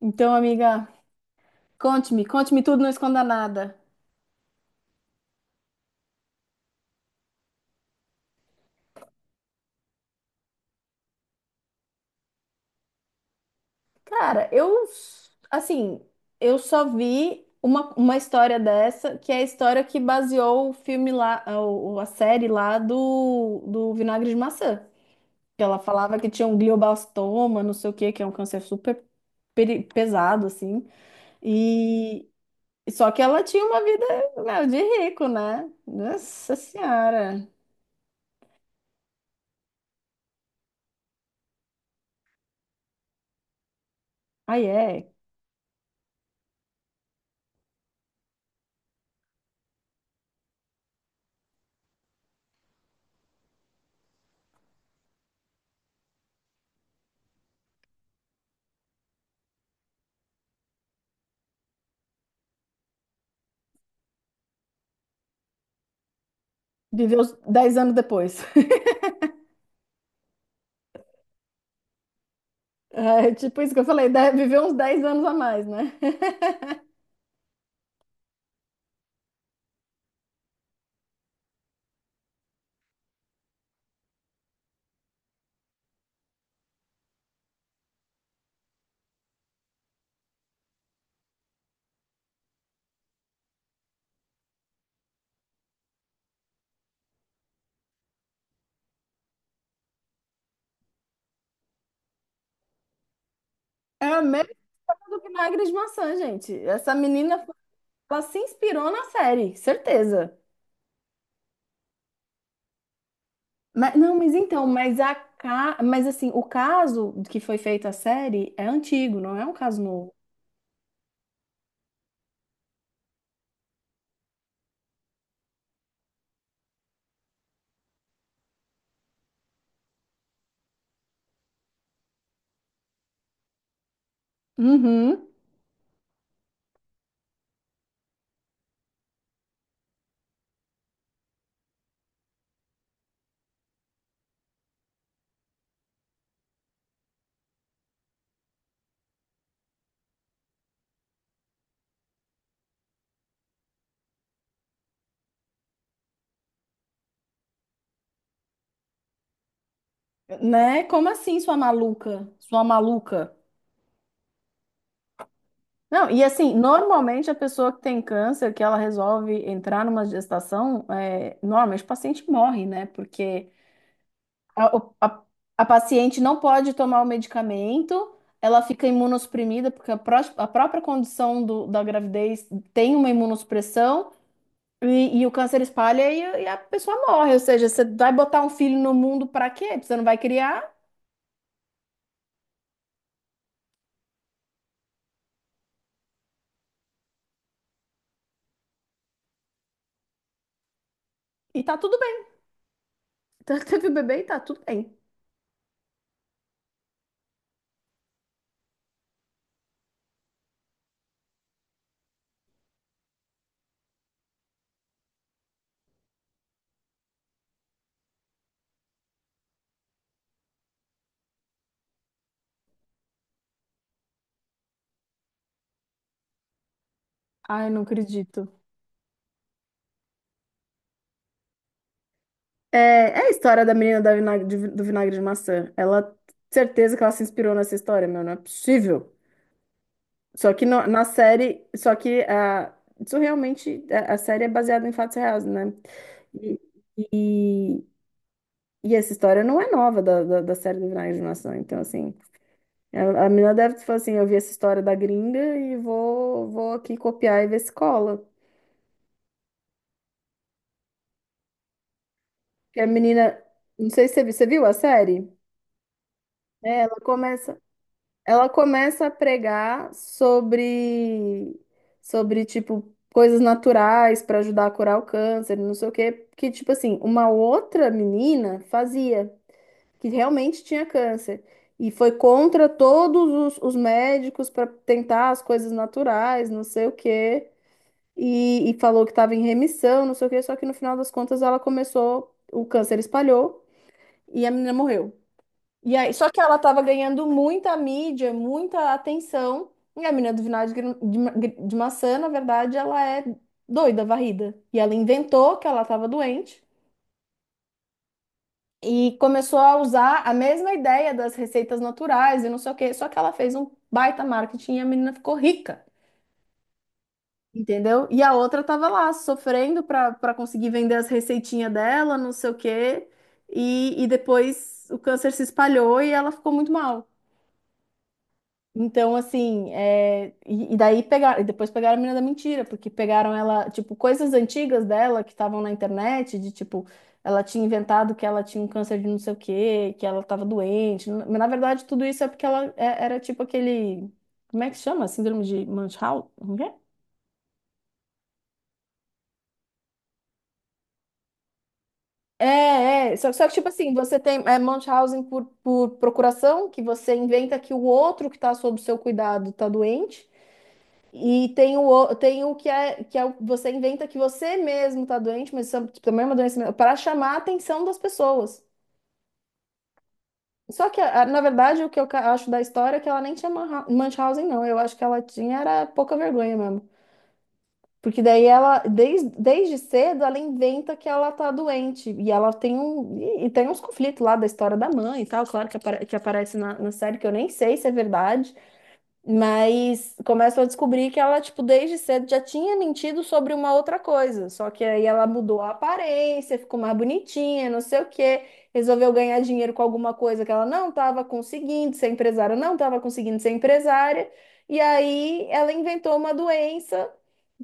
Então, amiga, conte-me, conte-me tudo, não esconda nada. Cara, eu, assim, eu só vi uma história dessa, que é a história que baseou o filme lá, a, a série lá do Vinagre de Maçã. Que ela falava que tinha um glioblastoma, não sei o quê, que é um câncer super pesado, assim. E só que ela tinha uma vida, meu, de rico, né? Nossa Senhora. Aí é. Viveu 10 anos depois. É tipo isso que eu falei, deve viver uns 10 anos a mais, né? É a mesma coisa do vinagre de maçã, gente. Essa menina, ela se inspirou na série, certeza. Mas, não, mas então, mas a mas assim, o caso que foi feita a série é antigo, não é um caso novo. Uhum. Né? Como assim, sua maluca? Sua maluca? Não, e assim, normalmente a pessoa que tem câncer, que ela resolve entrar numa gestação, é, normalmente o paciente morre, né? Porque A, o- a- a paciente não pode tomar o medicamento, ela fica imunossuprimida, porque a própria condição da gravidez tem uma imunossupressão, e o câncer espalha e a pessoa morre. Ou seja, você vai botar um filho no mundo pra quê? Você não vai criar e tá tudo bem. Então, teve o bebê e tá tudo bem. Ai, não acredito. É, é a história da menina da do vinagre de maçã. Ela, certeza que ela se inspirou nessa história, meu, não é possível. Só que na série, só que a, isso realmente, a série é baseada em fatos reais, né? E, e essa história não é nova da série do Vinagre de Maçã. Então, assim, a menina deve falar assim, eu vi essa história da gringa e vou aqui copiar e ver se cola. Porque a menina, não sei se você viu, você viu a série? É, ela começa, ela começa a pregar sobre, sobre tipo, coisas naturais para ajudar a curar o câncer, não sei o quê, que, tipo assim, uma outra menina fazia, que realmente tinha câncer. E foi contra todos os médicos para tentar as coisas naturais, não sei o quê. E falou que estava em remissão, não sei o quê, só que no final das contas ela começou, o câncer espalhou e a menina morreu. E aí, só que ela estava ganhando muita mídia, muita atenção. E a menina do vinagre de, de maçã, na verdade, ela é doida, varrida. E ela inventou que ela estava doente e começou a usar a mesma ideia das receitas naturais e não sei o quê. Só que ela fez um baita marketing e a menina ficou rica, entendeu? E a outra tava lá sofrendo para conseguir vender as receitinhas dela, não sei o quê. E depois o câncer se espalhou e ela ficou muito mal. Então, assim, é, e daí pegaram, e depois pegaram a menina da mentira, porque pegaram ela, tipo, coisas antigas dela que estavam na internet, de tipo, ela tinha inventado que ela tinha um câncer de não sei o quê, que ela estava doente. Mas na verdade, tudo isso é porque ela era tipo aquele, como é que chama? Síndrome de Munchausen? Como que é? É, é. Só que, tipo assim, você tem é, Munchausen por procuração, que você inventa que o outro que está sob seu cuidado está doente. E tem o, tem o que é você inventa que você mesmo está doente, mas isso é também é uma doença mental, para chamar a atenção das pessoas. Só que, na verdade, o que eu acho da história é que ela nem tinha Munchausen, não. Eu acho que ela tinha era pouca vergonha mesmo. Porque daí ela, desde cedo, ela inventa que ela tá doente. E ela tem um, e tem uns conflitos lá da história da mãe e tal, claro, que, que aparece na, na série, que eu nem sei se é verdade. Mas começam a descobrir que ela, tipo, desde cedo já tinha mentido sobre uma outra coisa. Só que aí ela mudou a aparência, ficou mais bonitinha, não sei o quê. Resolveu ganhar dinheiro com alguma coisa que ela não estava conseguindo ser empresária, não estava conseguindo ser empresária. E aí ela inventou uma doença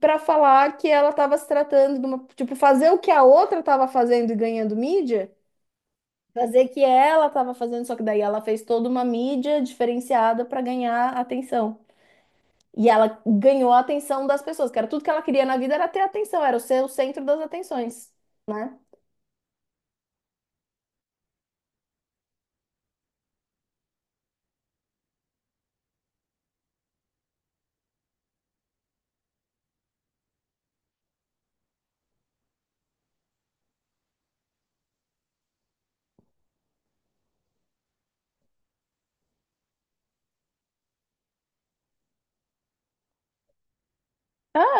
para falar que ela estava se tratando de uma, tipo, fazer o que a outra estava fazendo e ganhando mídia, fazer o que ela estava fazendo, só que daí ela fez toda uma mídia diferenciada para ganhar atenção. E ela ganhou a atenção das pessoas, que era tudo que ela queria na vida era ter atenção, era ser o centro das atenções, né?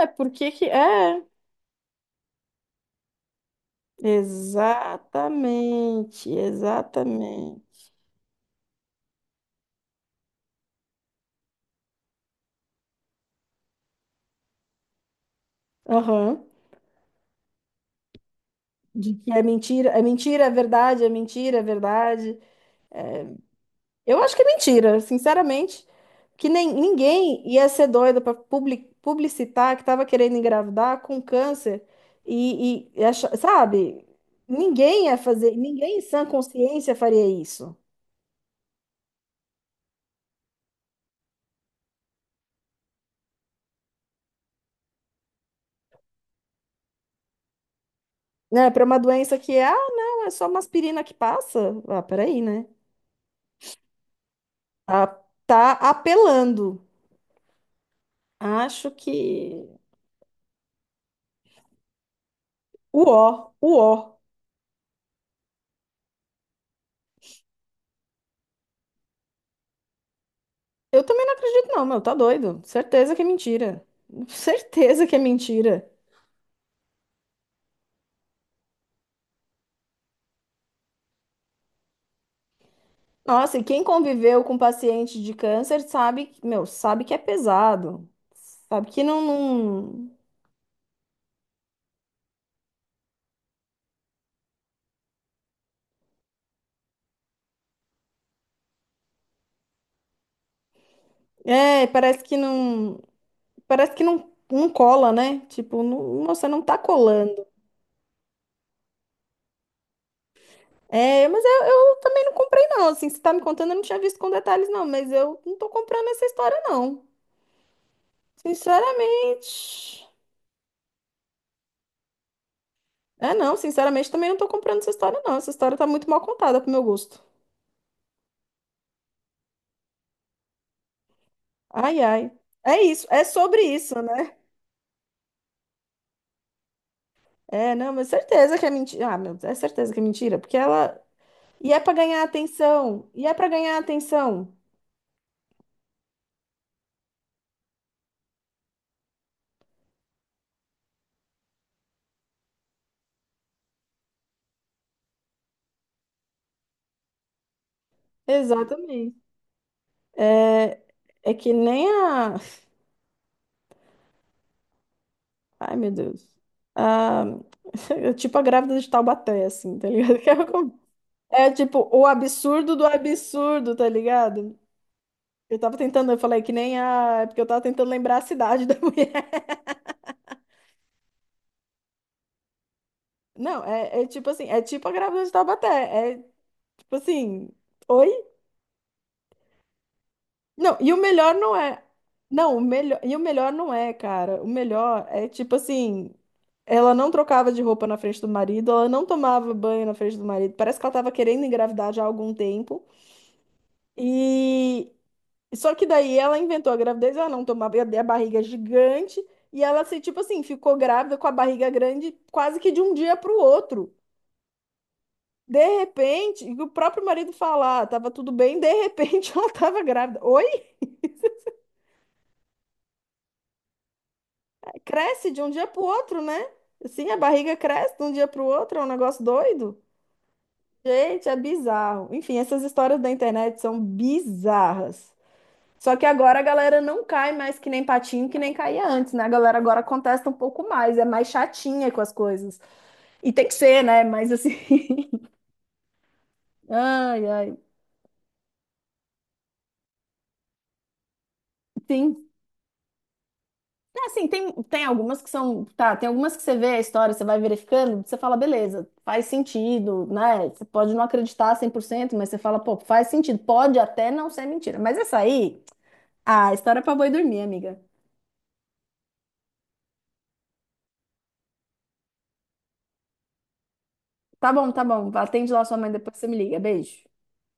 É por que que é? Exatamente, exatamente. Aham. Que é mentira, é mentira, é verdade, é mentira, é verdade. Eu acho que é mentira, sinceramente, que nem ninguém ia ser doido para publicitar que estava querendo engravidar com câncer e sabe? Ninguém ia fazer, ninguém em sã consciência faria isso. Né, para uma doença que, é, ah, não, é só uma aspirina que passa. Ah, peraí, né? Tá, tá apelando. Acho que. Uó, uó. Eu também não acredito, não, meu, tá doido. Certeza que é mentira. Certeza que é mentira. Nossa, e quem conviveu com paciente de câncer sabe, meu, sabe que é pesado. Sabe que não, não... É, parece que não. Parece que não, não cola, né? Tipo, não, você não tá colando. É, mas eu também não comprei, não. Assim, você tá me contando, eu não tinha visto com detalhes, não. Mas eu não tô comprando essa história, não. Sinceramente. É, não, sinceramente também não tô comprando essa história, não. Essa história tá muito mal contada pro meu gosto. Ai, ai. É isso, é sobre isso, né? É, não, mas certeza que é mentira. Ah, meu Deus, é certeza que é mentira, porque ela. E é pra ganhar atenção. E é pra ganhar atenção. Exatamente. É, é que nem a. Ai, meu Deus. Ah, é tipo a grávida de Taubaté, assim, tá ligado? É tipo o absurdo do absurdo, tá ligado? Eu tava tentando, eu falei que nem a. É porque eu tava tentando lembrar a cidade da mulher. Não, é, é tipo assim, é tipo a grávida de Taubaté. É tipo assim, oi? Não, e o melhor não é. Não, o melhor. E o melhor não é, cara. O melhor é tipo assim. Ela não trocava de roupa na frente do marido, ela não tomava banho na frente do marido. Parece que ela tava querendo engravidar já há algum tempo. E só que daí ela inventou a gravidez, ela não tomava a barriga é gigante e ela se tipo assim, ficou grávida com a barriga grande quase que de um dia para o outro. De repente, e o próprio marido falar, ah, tava tudo bem, de repente ela tava grávida. Oi? Cresce de um dia para o outro, né? Assim, a barriga cresce de um dia para o outro, é um negócio doido. Gente, é bizarro. Enfim, essas histórias da internet são bizarras. Só que agora a galera não cai mais que nem patinho, que nem caía antes, né? A galera agora contesta um pouco mais, é mais chatinha com as coisas. E tem que ser, né? Mas assim. Ai, ai. Tem, é, assim, tem, tem algumas que são. Tá, tem algumas que você vê a história, você vai verificando, você fala, beleza, faz sentido, né? Você pode não acreditar 100%, mas você fala, pô, faz sentido. Pode até não ser mentira. Mas essa aí. Ah, história é pra boi dormir, amiga. Tá bom, tá bom. Atende lá sua mãe, depois você me liga. Beijo.